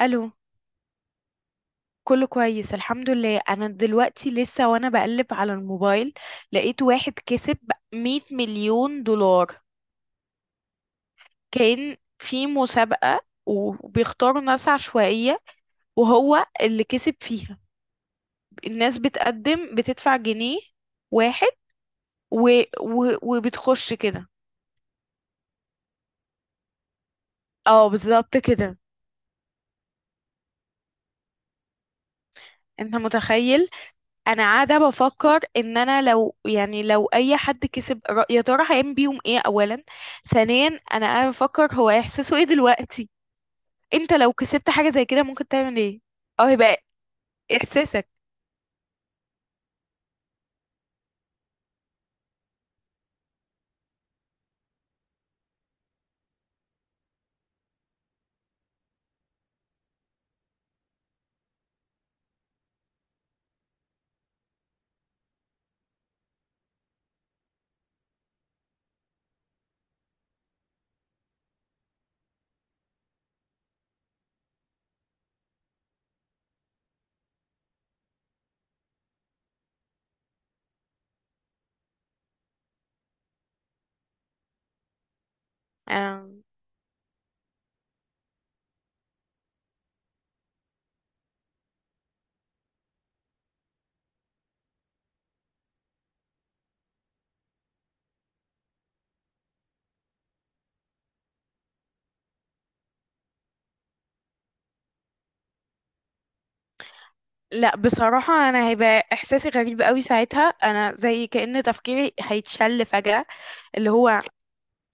الو. كله كويس، الحمد لله. انا دلوقتي لسه وانا بقلب على الموبايل، لقيت واحد كسب 100 مليون دولار. كان في مسابقة وبيختاروا ناس عشوائية، وهو اللي كسب فيها. الناس بتقدم بتدفع جنيه واحد و... وبتخش كده. اه بالظبط كده، انت متخيل؟ انا قاعده بفكر ان انا لو لو اي حد كسب يا ترى هيعمل بيهم ايه اولا؟ ثانيا انا قاعده بفكر هو احساسه ايه دلوقتي. انت لو كسبت حاجه زي كده ممكن تعمل ايه؟ او هيبقى احساسك أم... لا بصراحه، انا هيبقى احساسي غريب قوي ساعتها. انا زي كأن تفكيري هيتشل فجأة، اللي هو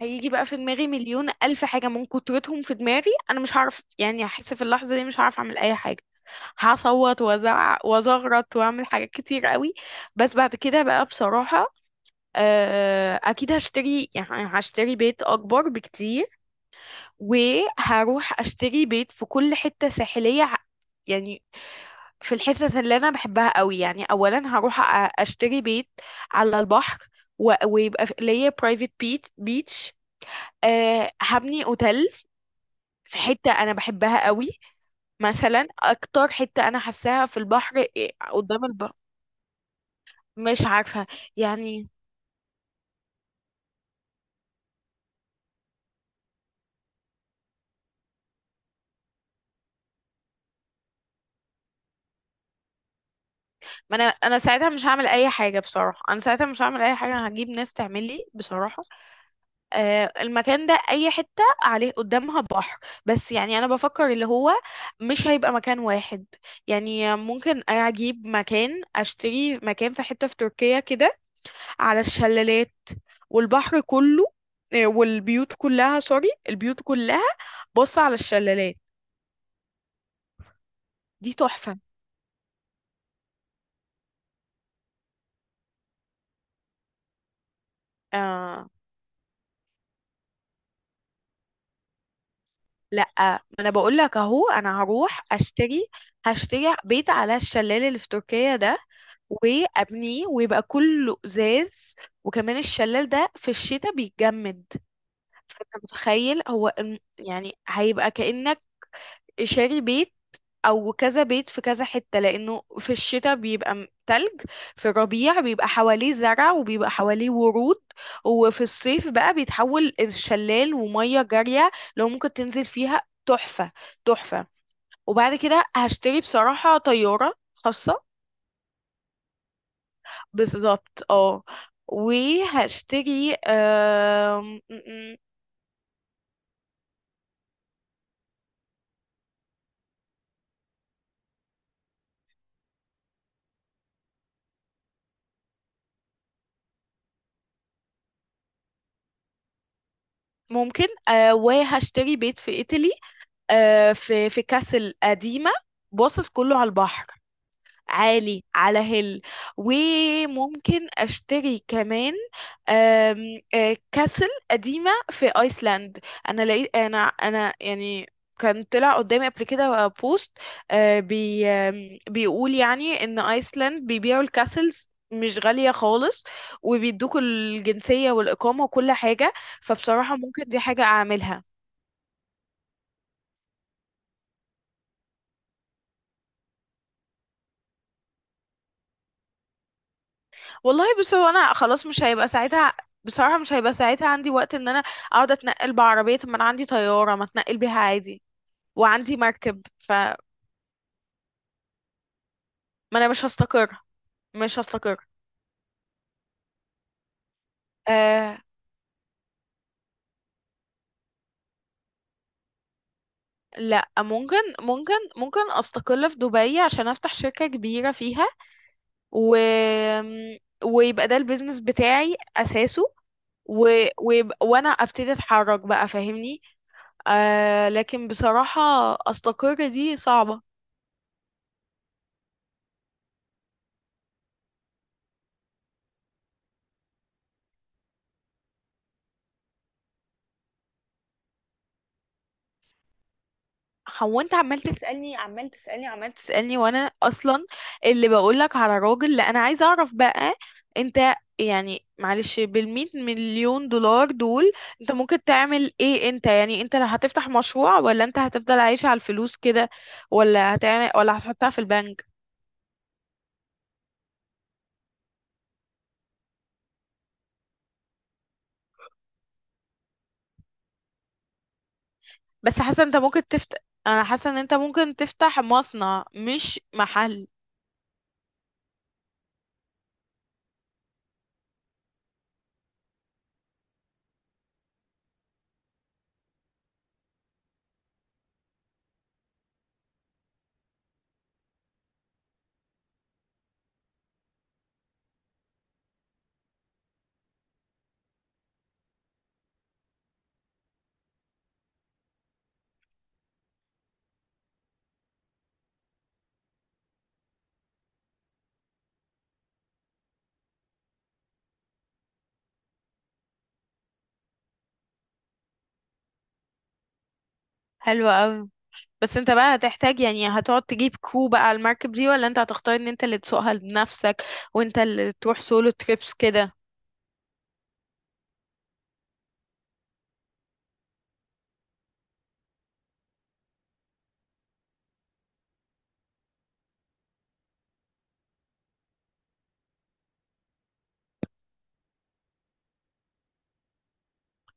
هيجي بقى في دماغي مليون الف حاجه، من كترتهم في دماغي انا مش هعرف يعني، هحس في اللحظه دي مش هعرف اعمل اي حاجه. هصوت وازعق وازغرط واعمل حاجات كتير قوي. بس بعد كده بقى، بصراحة اكيد هشتري يعني. هشتري بيت اكبر بكتير، وهروح اشتري بيت في كل حتة ساحلية يعني في الحتت اللي انا بحبها قوي. يعني اولا هروح اشتري بيت على البحر، ويبقى ليا برايفت بيتش. أه هبني اوتيل في حتة انا بحبها قوي. مثلا اكتر حتة انا حاساها في البحر قدام البحر. مش عارفة يعني. ما انا ساعتها مش هعمل اي حاجة، بصراحة انا ساعتها مش هعمل اي حاجة، انا هجيب ناس تعمل لي بصراحة. المكان ده اي حتة عليه قدامها بحر. بس يعني انا بفكر اللي هو مش هيبقى مكان واحد. يعني ممكن اجيب مكان، اشتري مكان في حتة في تركيا كده، على الشلالات والبحر كله. والبيوت كلها، سوري، البيوت كلها بص على الشلالات دي تحفة. آه لا، ما انا بقول لك اهو، انا هروح اشتري. هشتري بيت على الشلال اللي في تركيا ده وابنيه، ويبقى كله ازاز. وكمان الشلال ده في الشتاء بيتجمد، فانت متخيل هو يعني هيبقى كأنك شاري بيت او كذا بيت في كذا حتة، لانه في الشتاء بيبقى تلج، في الربيع بيبقى حواليه زرع وبيبقى حواليه ورود، وفي الصيف بقى بيتحول الشلال ومية جارية لو ممكن تنزل فيها، تحفة. تحفة. وبعد كده هشتري بصراحة طيارة خاصة. بالظبط اه. وهشتري ممكن وهشتري بيت في ايطالي، في كاسل قديمة باصص كله على البحر، عالي على هيل. وممكن اشتري كمان آم، آه، كاسل قديمة في ايسلاند. انا لقيت، انا يعني كان طلع قدامي قبل كده بوست، آه، بي آم، بيقول يعني ان ايسلاند بيبيعوا الكاسلز مش غالية خالص، وبيدوكوا الجنسية والإقامة وكل حاجة. فبصراحة ممكن دي حاجة أعملها. والله بص، هو انا خلاص مش هيبقى ساعتها، بصراحة مش هيبقى ساعتها عندي وقت ان انا اقعد اتنقل بعربية. طب ما انا عندي طيارة ما اتنقل بيها عادي، وعندي مركب. فما انا مش هستقر. مش هستقر. آه، لا. ممكن استقل في دبي عشان افتح شركة كبيرة فيها، و... ويبقى ده البيزنس بتاعي اساسه، و... وانا ابتدي اتحرك بقى فاهمني. لكن بصراحة استقر دي صعبة. هو انت عمال تسألني، عمال تسألني، عمال تسألني، وانا اصلا اللي بقولك على راجل. لا انا عايزه اعرف بقى انت، يعني معلش، بالمية مليون دولار دول انت ممكن تعمل ايه؟ انت يعني انت لا هتفتح مشروع، ولا انت هتفضل عايش على الفلوس كده، ولا هتعمل، ولا هتحطها في البنك؟ بس حاسه انت ممكن تفتح، انا حاسه ان انت ممكن تفتح مصنع مش محل. حلو قوي. بس انت بقى هتحتاج يعني هتقعد تجيب كرو بقى على المركب دي، ولا انت هتختار ان انت اللي تسوقها بنفسك وانت اللي تروح سولو تريبس كده؟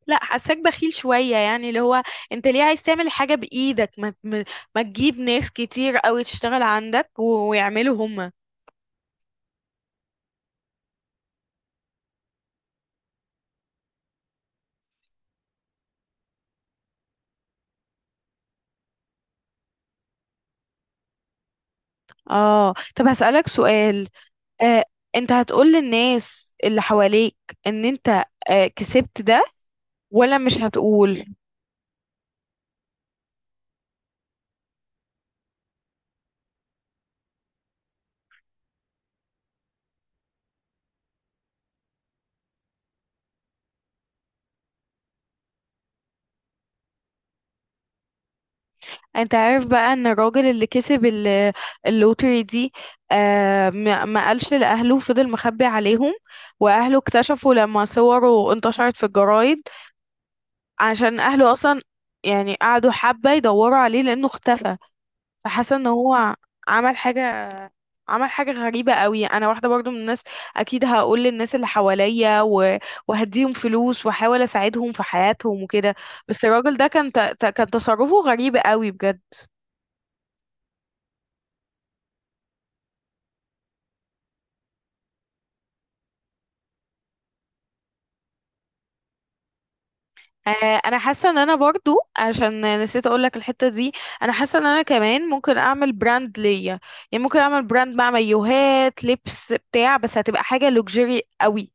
لا حاساك بخيل شوية، يعني اللي هو انت ليه عايز تعمل حاجة بإيدك؟ ما تجيب ناس كتير قوي تشتغل عندك ويعملوا هما. اه طب هسألك سؤال. آه انت هتقول للناس اللي حواليك ان انت كسبت ده، ولا مش هتقول؟ انت عارف بقى ان الراجل اللي كسب اللوتري دي ما قالش لاهله، فضل مخبي عليهم؟ واهله اكتشفوا لما صوره انتشرت في الجرايد، عشان اهله اصلا يعني قعدوا حبة يدوروا عليه لانه اختفى. فحاسة ان هو عمل حاجة عمل حاجة غريبة قوي. انا واحدة برضو من الناس اكيد هقول للناس اللي حواليا وهديهم فلوس واحاول اساعدهم في حياتهم وكده. بس الراجل ده كان تصرفه غريب قوي بجد. آه، انا حاسه ان انا برضو، عشان نسيت اقول لك الحته دي، انا حاسه ان انا كمان ممكن اعمل براند ليا. يعني ممكن اعمل براند مع مايوهات لبس بتاع، بس هتبقى حاجه لوكسجري قوي.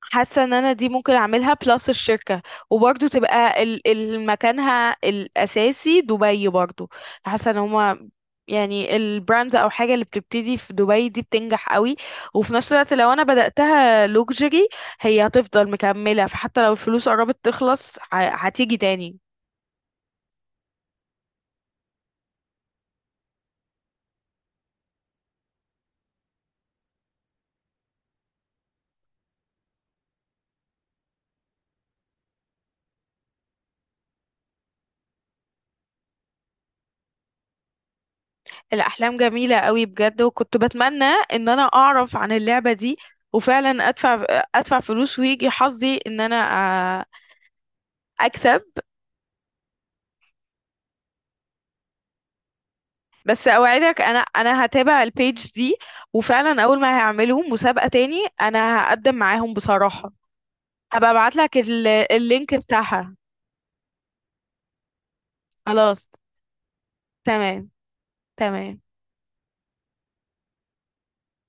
حاسه ان انا دي ممكن اعملها بلس الشركه، وبرضه تبقى مكانها الاساسي دبي برضه. حاسه ان هما يعني البراندز او حاجه اللي بتبتدي في دبي دي بتنجح قوي. وفي نفس الوقت لو انا بداتها لوكسجري، هي هتفضل مكمله، فحتى لو الفلوس قربت تخلص هتيجي تاني. الاحلام جميله قوي بجد، وكنت بتمنى ان انا اعرف عن اللعبه دي وفعلا ادفع فلوس، ويجي حظي ان انا آه، اكسب. بس اوعدك، انا هتابع البيج دي، وفعلا اول ما هيعملوا مسابقة تاني انا هقدم معاهم بصراحة. هبقى ابعت لك اللينك بتاعها. خلاص، تمام، تمام.